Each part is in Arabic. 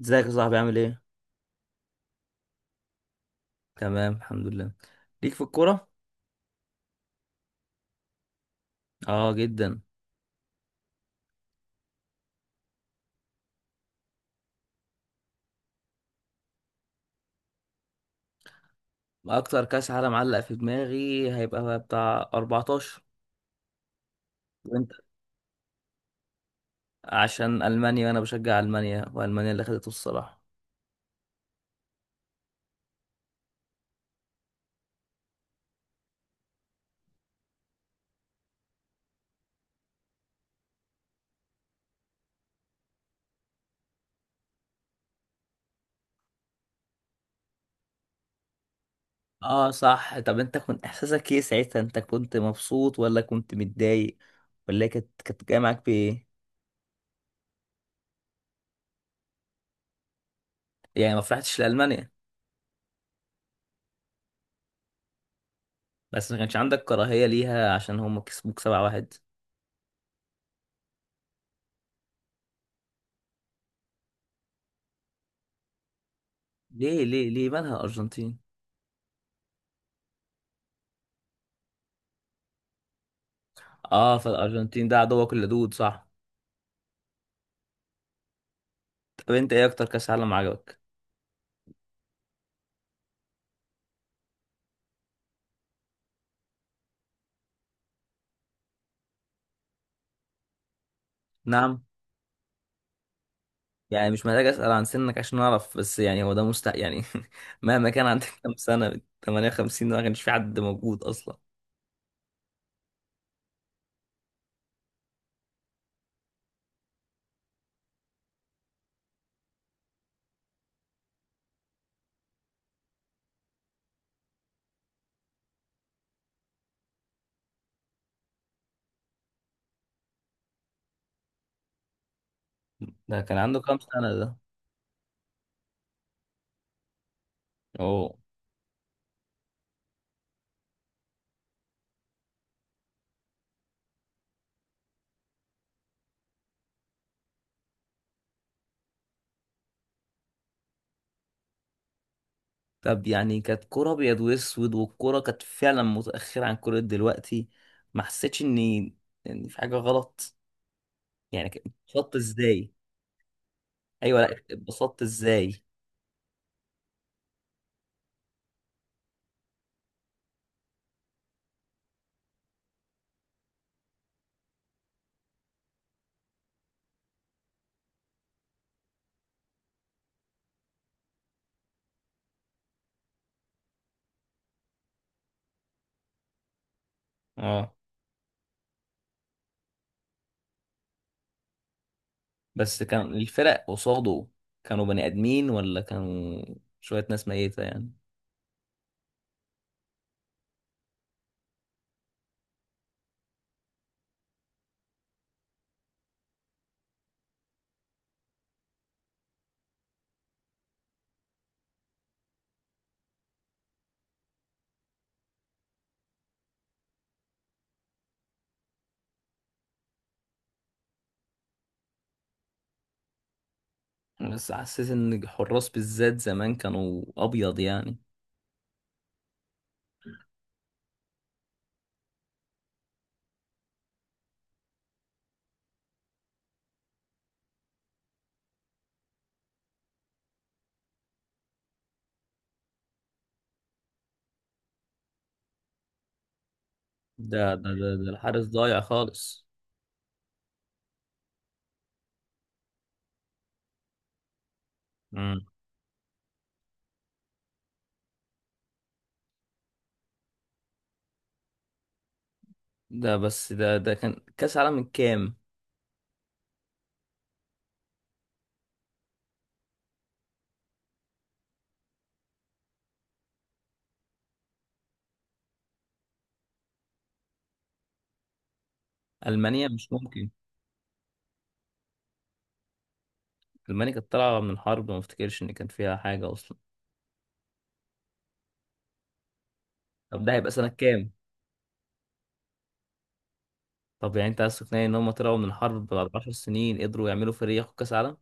ازيك يا صاحبي، عامل ايه؟ تمام، الحمد لله. ليك في الكورة؟ اه جدا. اكتر كاس عالم علق في دماغي هيبقى بتاع 14. وانت؟ عشان المانيا، وانا بشجع المانيا، والمانيا اللي خدته الصراحة. اه صح. طب انت كنت احساسك ايه ساعتها؟ انت كنت مبسوط ولا كنت متضايق؟ ولا هي كانت جايه معاك بايه؟ يعني ما فرحتش لالمانيا؟ بس ما كانش عندك كراهية ليها عشان هم كسبوك 7-1؟ ليه ليه ليه مالها الارجنتين؟ اه، فالارجنتين ده عدوك اللدود صح؟ طب انت ايه اكتر كاس عالم عجبك؟ نعم؟ يعني مش محتاج اسال عن سنك عشان اعرف، بس يعني هو ده مستحيل يعني. مهما كان عندك كام سنه، 58 ده ما كانش في حد موجود اصلا. ده كان عنده كام سنه ده؟ اوه. طب يعني كانت كرة ابيض واسود، والكرة كانت فعلا متاخره عن كرة دلوقتي. ما حسيتش اني ان في حاجه غلط. يعني اتبسطت ازاي؟ ايوه، لا اتبسطت ازاي؟ اه، بس كان الفرق قصاده كانوا بني ادمين، ولا كانوا شويه ناس ميته يعني؟ بس حسيت ان الحراس بالذات زمان كانوا ابيض يعني. ده الحارس ضايع خالص. مم. ده بس ده كان كاس عالم من كام؟ المانيا مش ممكن. المانيا كانت طالعه من حرب، ما افتكرش ان كان فيها حاجه اصلا. طب ده هيبقى سنه كام؟ طب يعني انت عايز تقنعني ان هم طلعوا من حرب بعد 10 سنين قدروا يعملوا فريق ياخد كاس عالم؟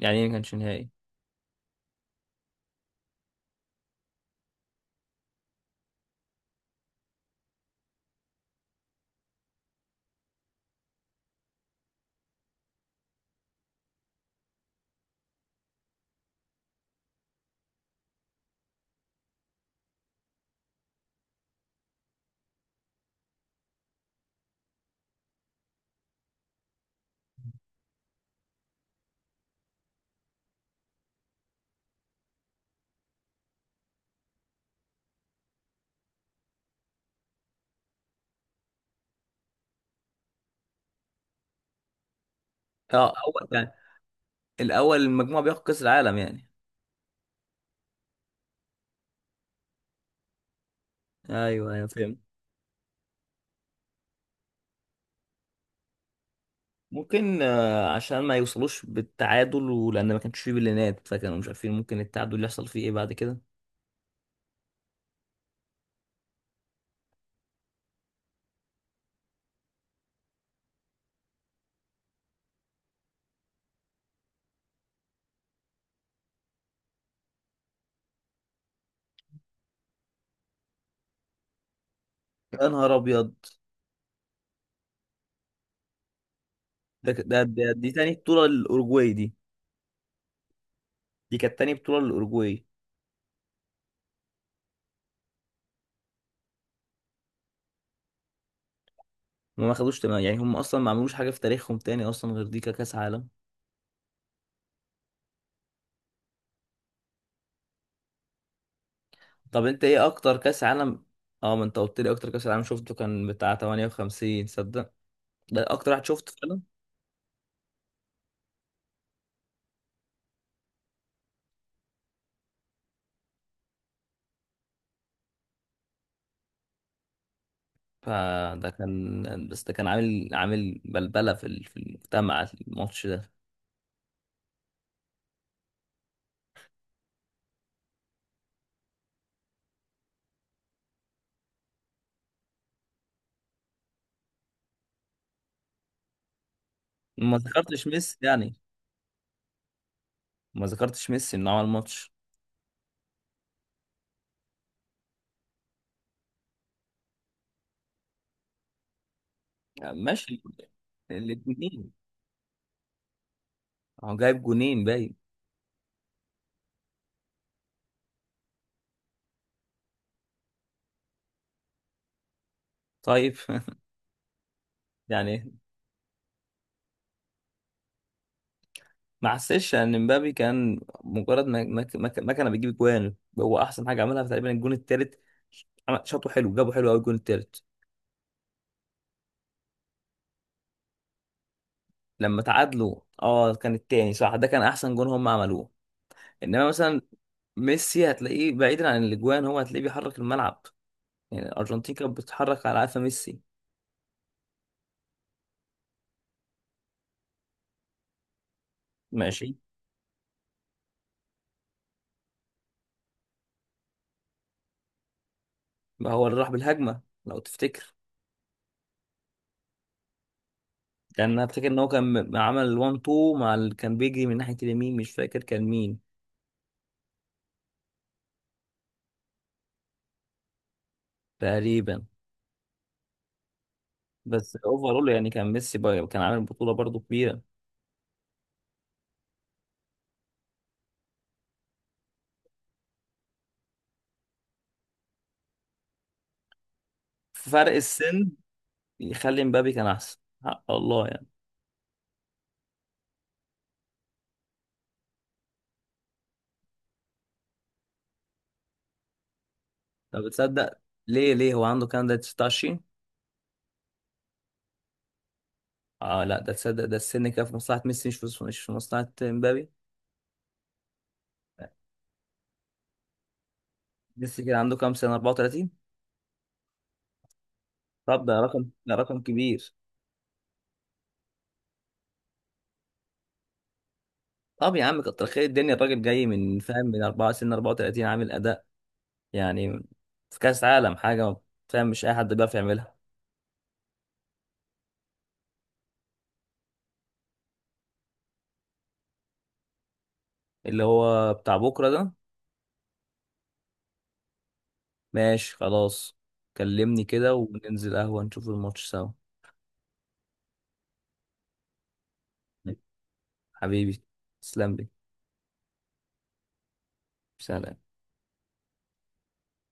يعني ايه ما كانش نهائي؟ اه، اول يعني الاول المجموعه بياخد كاس العالم يعني؟ ايوه ايوه، فهمت. ممكن عشان ما يوصلوش بالتعادل، ولان ما كانش فيه بلينات فكانوا مش عارفين ممكن التعادل اللي يحصل فيه ايه بعد كده. يا نهار ابيض! دي تاني بطوله للاوروجواي دي. دي كانت تاني بطوله للاوروجواي. هم ما خدوش تمام، يعني هم اصلا ما عملوش حاجه في تاريخهم تاني اصلا غير دي ككاس عالم. طب انت ايه اكتر كاس عالم؟ اه، ما انت قلت لي اكتر كاس عالم شفته كان بتاع 58، صدق؟ ده اكتر واحد شفته فعلا. فده كان، بس ده كان عامل بلبله في في المجتمع، الماتش ده. ما ذكرتش ميسي يعني. ما ذكرتش ميسي انه عمل ماتش. ماشي. الاثنين. هو جايب جونين باين. طيب. يعني ما حسيتش ان مبابي كان مجرد ما كان بيجيب جوان. هو احسن حاجه عملها في تقريبا الجون الثالث. شاطه حلو، جابوا حلو قوي الجون الثالث. لما تعادلوا، اه كان الثاني صح، ده كان احسن جون هم عملوه. انما مثلا ميسي هتلاقيه بعيدا عن الاجوان، هو هتلاقيه بيحرك الملعب. يعني الارجنتين كانت بتتحرك على قفا ميسي. ماشي، ما هو اللي راح بالهجمه لو تفتكر؟ كان افتكر ان هو كان عمل 1 2 مع كان بيجري من ناحيه اليمين، مش فاكر كان مين. تقريبا. بس اوفرول يعني كان ميسي بقى كان عامل بطوله برضو كبيره. فرق السن يخلي مبابي كان احسن. حق الله يعني. طب بتصدق؟ ليه ليه هو عنده كان ده 19؟ اه لا، ده تصدق، ده السن كان في مصلحه ميسي، مش في مصلحه مبابي. ميسي كان عنده كام سنه، 34؟ طب ده رقم، ده رقم كبير. طب يا عم، كتر خير الدنيا، الراجل جاي من، فاهم، من 4، سن 34 عامل اداء يعني في كأس عالم حاجة، ما، فاهم، مش أي حد بيعرف يعملها. اللي هو بتاع بكرة ده؟ ماشي خلاص. كلمني كده وننزل قهوة نشوف الماتش سوا. حبيبي، تسلم لي، سلام.